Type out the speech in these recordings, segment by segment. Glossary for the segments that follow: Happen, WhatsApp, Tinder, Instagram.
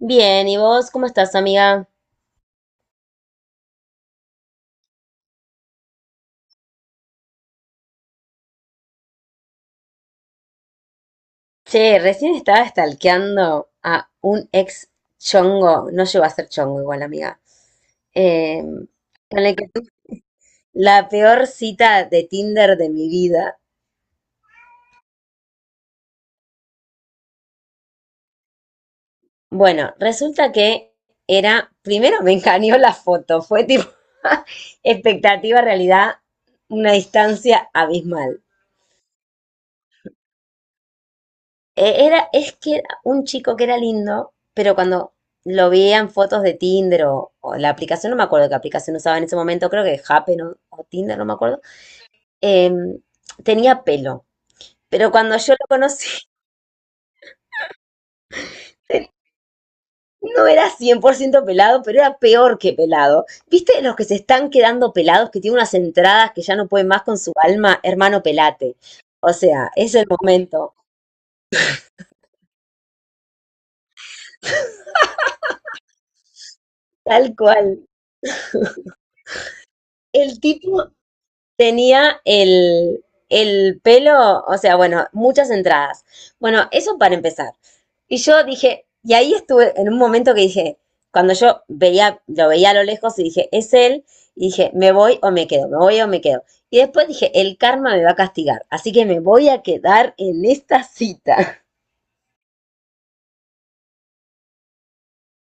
Bien, ¿y vos cómo estás, amiga? Che, recién estaba stalkeando a un ex chongo, no llegó a ser chongo igual, amiga, eh, con el que tuve la peor cita de Tinder de mi vida. Bueno, resulta que era, primero me engañó la foto, fue tipo expectativa, realidad, una distancia abismal. Era, es que era un chico que era lindo, pero cuando lo veía en fotos de Tinder o la aplicación, no me acuerdo qué aplicación usaba en ese momento, creo que Happen o Tinder, no me acuerdo, em, tenía pelo. Pero cuando yo lo conocí, no era 100% pelado, pero era peor que pelado. ¿Viste los que se están quedando pelados, que tienen unas entradas que ya no pueden más con su alma? Hermano, pelate. O sea, es el momento. Tal cual. El tipo tenía el pelo, o sea, bueno, muchas entradas. Bueno, eso para empezar. Y yo dije, y ahí estuve en un momento que dije, cuando yo veía, lo veía a lo lejos y dije, es él, y dije, me voy o me quedo, me voy o me quedo. Y después dije, el karma me va a castigar, así que me voy a quedar en esta cita.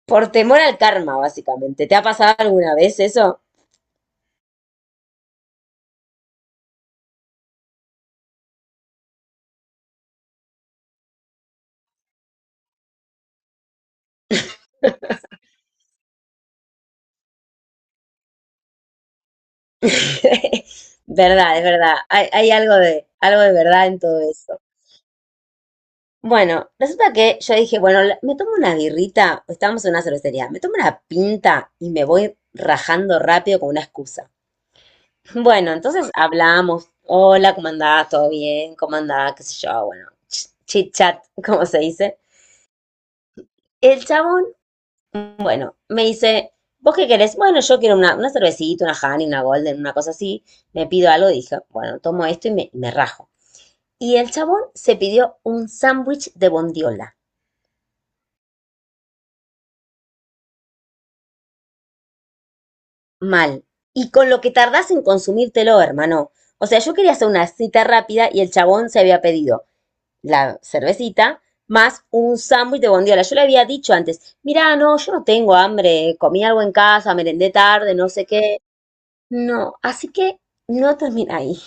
Por temor al karma, básicamente. ¿Te ha pasado alguna vez eso? Verdad, es verdad. Hay algo de verdad en todo eso. Bueno, resulta que yo dije, bueno, me tomo una birrita, estábamos en una cervecería, me tomo una pinta y me voy rajando rápido con una excusa. Bueno, entonces hablamos, hola, ¿cómo andás? ¿Todo bien? ¿Cómo andás? ¿Qué sé yo? Bueno, chit chat, como se dice. El chabón, bueno, me dice, ¿vos qué querés? Bueno, yo quiero una cervecita, una Honey, una Golden, una cosa así. Me pido algo, dije, bueno, tomo esto y me rajo. Y el chabón se pidió un sándwich de bondiola. Mal. Y con lo que tardás en consumírtelo, hermano. O sea, yo quería hacer una cita rápida y el chabón se había pedido la cervecita más un sándwich de bondiola. Yo le había dicho antes, mirá, no, yo no tengo hambre, comí algo en casa, merendé tarde, no sé qué. No, así que no termina ahí.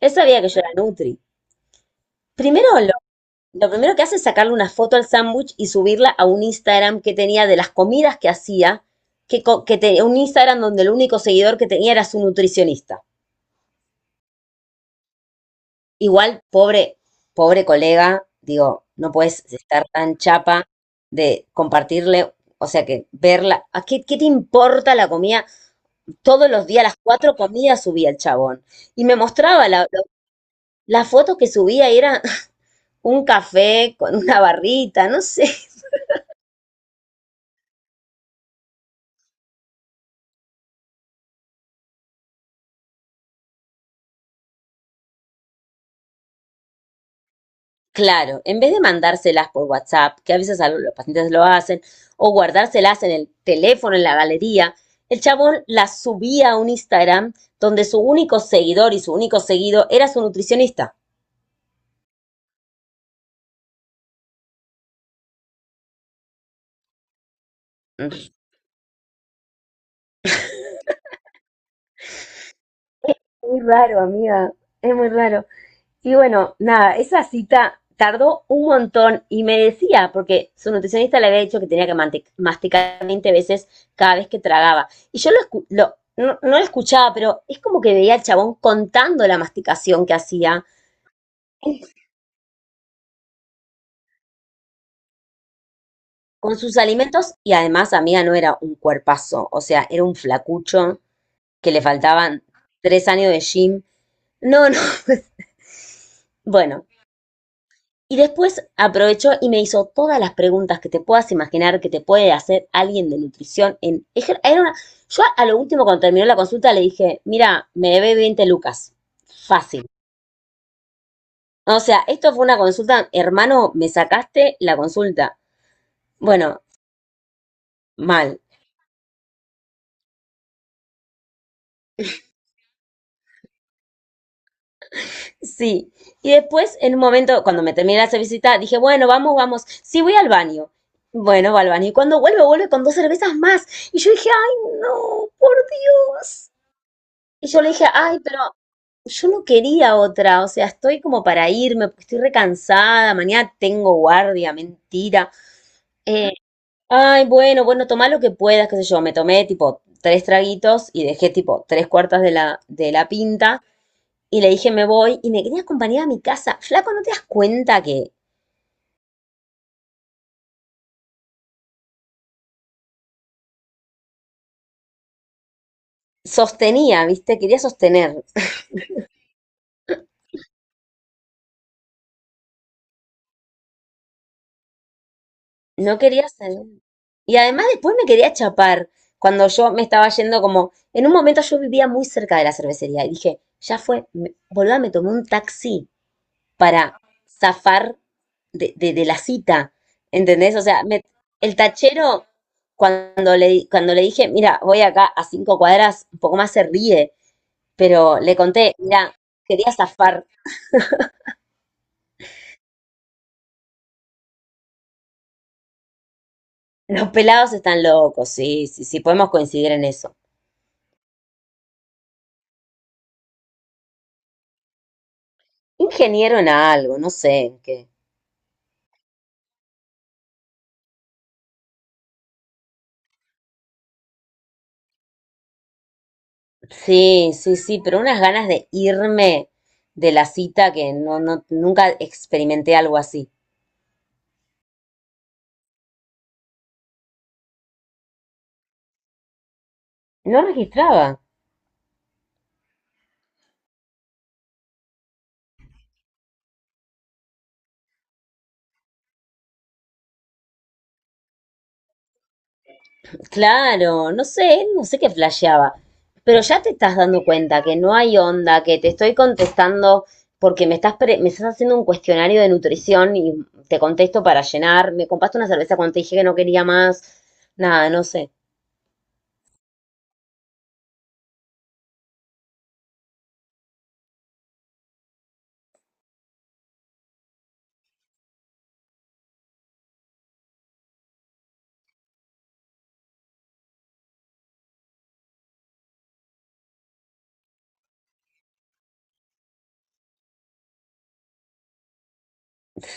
Él sabía que yo era Nutri. Primero, lo primero que hace es sacarle una foto al sándwich y subirla a un Instagram que tenía de las comidas que hacía, que, que tenía un Instagram donde el único seguidor que tenía era su nutricionista. Igual, pobre, pobre colega, digo, no puedes estar tan chapa de compartirle, o sea, que verla. ¿A qué, qué te importa la comida? Todos los días, las cuatro comidas subía el chabón. Y me mostraba la foto que subía y era un café con una barrita, no sé. Claro, en vez de mandárselas por WhatsApp, que a veces los pacientes lo hacen, o guardárselas en el teléfono, en la galería, el chabón las subía a un Instagram donde su único seguidor y su único seguido era su nutricionista. Mm. Muy raro, amiga, es muy raro. Y bueno, nada, esa cita tardó un montón y me decía, porque su nutricionista le había dicho que tenía que masticar 20 veces cada vez que tragaba. Y yo no, no lo escuchaba, pero es como que veía al chabón contando la masticación que hacía con sus alimentos y además, amiga, no era un cuerpazo, o sea, era un flacucho que le faltaban 3 años de gym. No, no, bueno. Y después aprovechó y me hizo todas las preguntas que te puedas imaginar que te puede hacer alguien de nutrición en era una- yo a lo último cuando terminó la consulta le dije, mira, me debe 20 lucas. Fácil. O sea, esto fue una consulta, hermano, me sacaste la consulta. Bueno, mal. Sí. Y después, en un momento, cuando me terminé de visita, dije, bueno, vamos, vamos. Sí, voy al baño. Bueno, va al baño. Y cuando vuelve, vuelve con dos cervezas más. Y yo dije, ay, no, por Dios. Y yo le dije, ay, pero yo no quería otra, o sea, estoy como para irme, porque estoy recansada, mañana tengo guardia, mentira. Eh, ay, bueno, bueno, tomá lo que puedas, qué sé yo, me tomé tipo tres traguitos y dejé tipo tres cuartas de de la pinta y le dije me voy y me quería acompañar a mi casa. Flaco, ¿no te das cuenta que sostenía, viste? Quería sostener, no quería salir. Y además después me quería chapar cuando yo me estaba yendo como, en un momento yo vivía muy cerca de la cervecería y dije, ya fue, me, boluda, me tomé un taxi para zafar de la cita, ¿entendés? O sea, el tachero, cuando cuando le dije, mira, voy acá a 5 cuadras, un poco más se ríe, pero le conté, mira, quería zafar, los pelados están locos, sí, sí, sí, podemos coincidir en eso. Ingeniero en algo, no sé en qué. Sí, sí, sí, pero unas ganas de irme de la cita que no, no, nunca experimenté algo así. No registraba. Claro, no sé, no sé qué flasheaba. Pero ya te estás dando cuenta que no hay onda, que te estoy contestando porque me estás, me estás haciendo un cuestionario de nutrición y te contesto para llenar. Me compraste una cerveza cuando te dije que no quería más. Nada, no sé.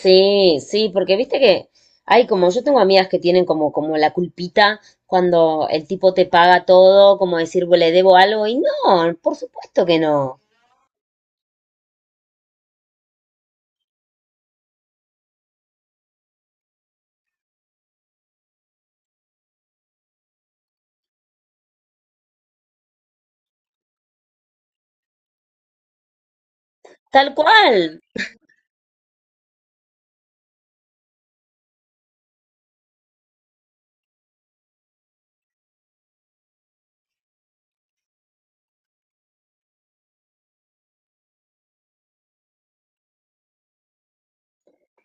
Sí, sí, porque viste que hay como, yo tengo amigas que tienen como, como la culpita cuando el tipo te paga todo, como decir, "Bueno, le debo algo", y no, por supuesto que no, tal cual,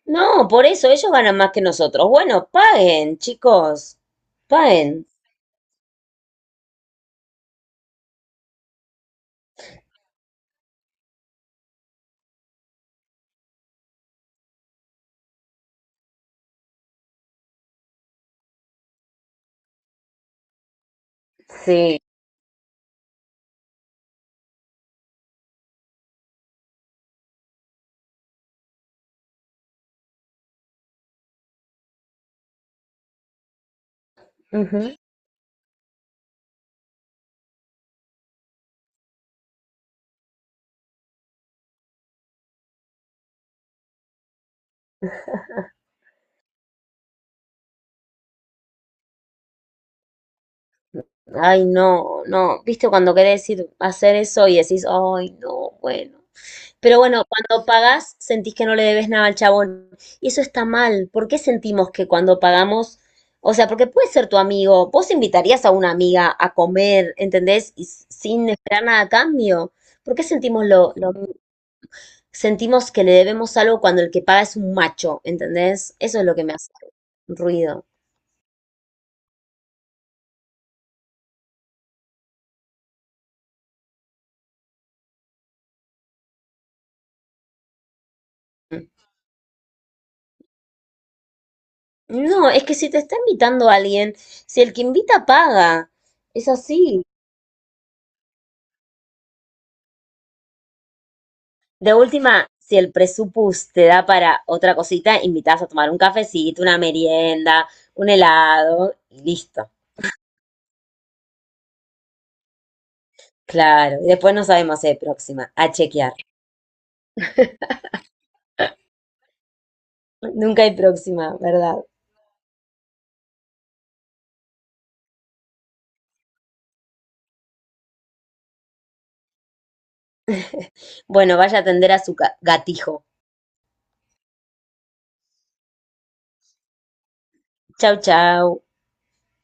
no, por eso ellos ganan más que nosotros. Bueno, paguen, chicos, paguen. Sí. Ay, no, no, viste cuando querés decir hacer eso y decís, ay, no, bueno. Pero bueno, cuando pagás sentís que no le debes nada al chabón. Y eso está mal. ¿Por qué sentimos que cuando pagamos, o sea, porque puede ser tu amigo, vos invitarías a una amiga a comer, ¿entendés? Y sin esperar nada a cambio. ¿Por qué sentimos sentimos que le debemos algo cuando el que paga es un macho, ¿entendés? Eso es lo que me hace ruido. No, es que si te está invitando alguien, si el que invita paga, es así. De última, si el presupuesto te da para otra cosita, invitas a tomar un cafecito, una merienda, un helado y listo. Claro, y después no sabemos si hay próxima, a chequear. Nunca hay próxima, ¿verdad? Bueno, vaya a atender a su gatijo. Chau, chau.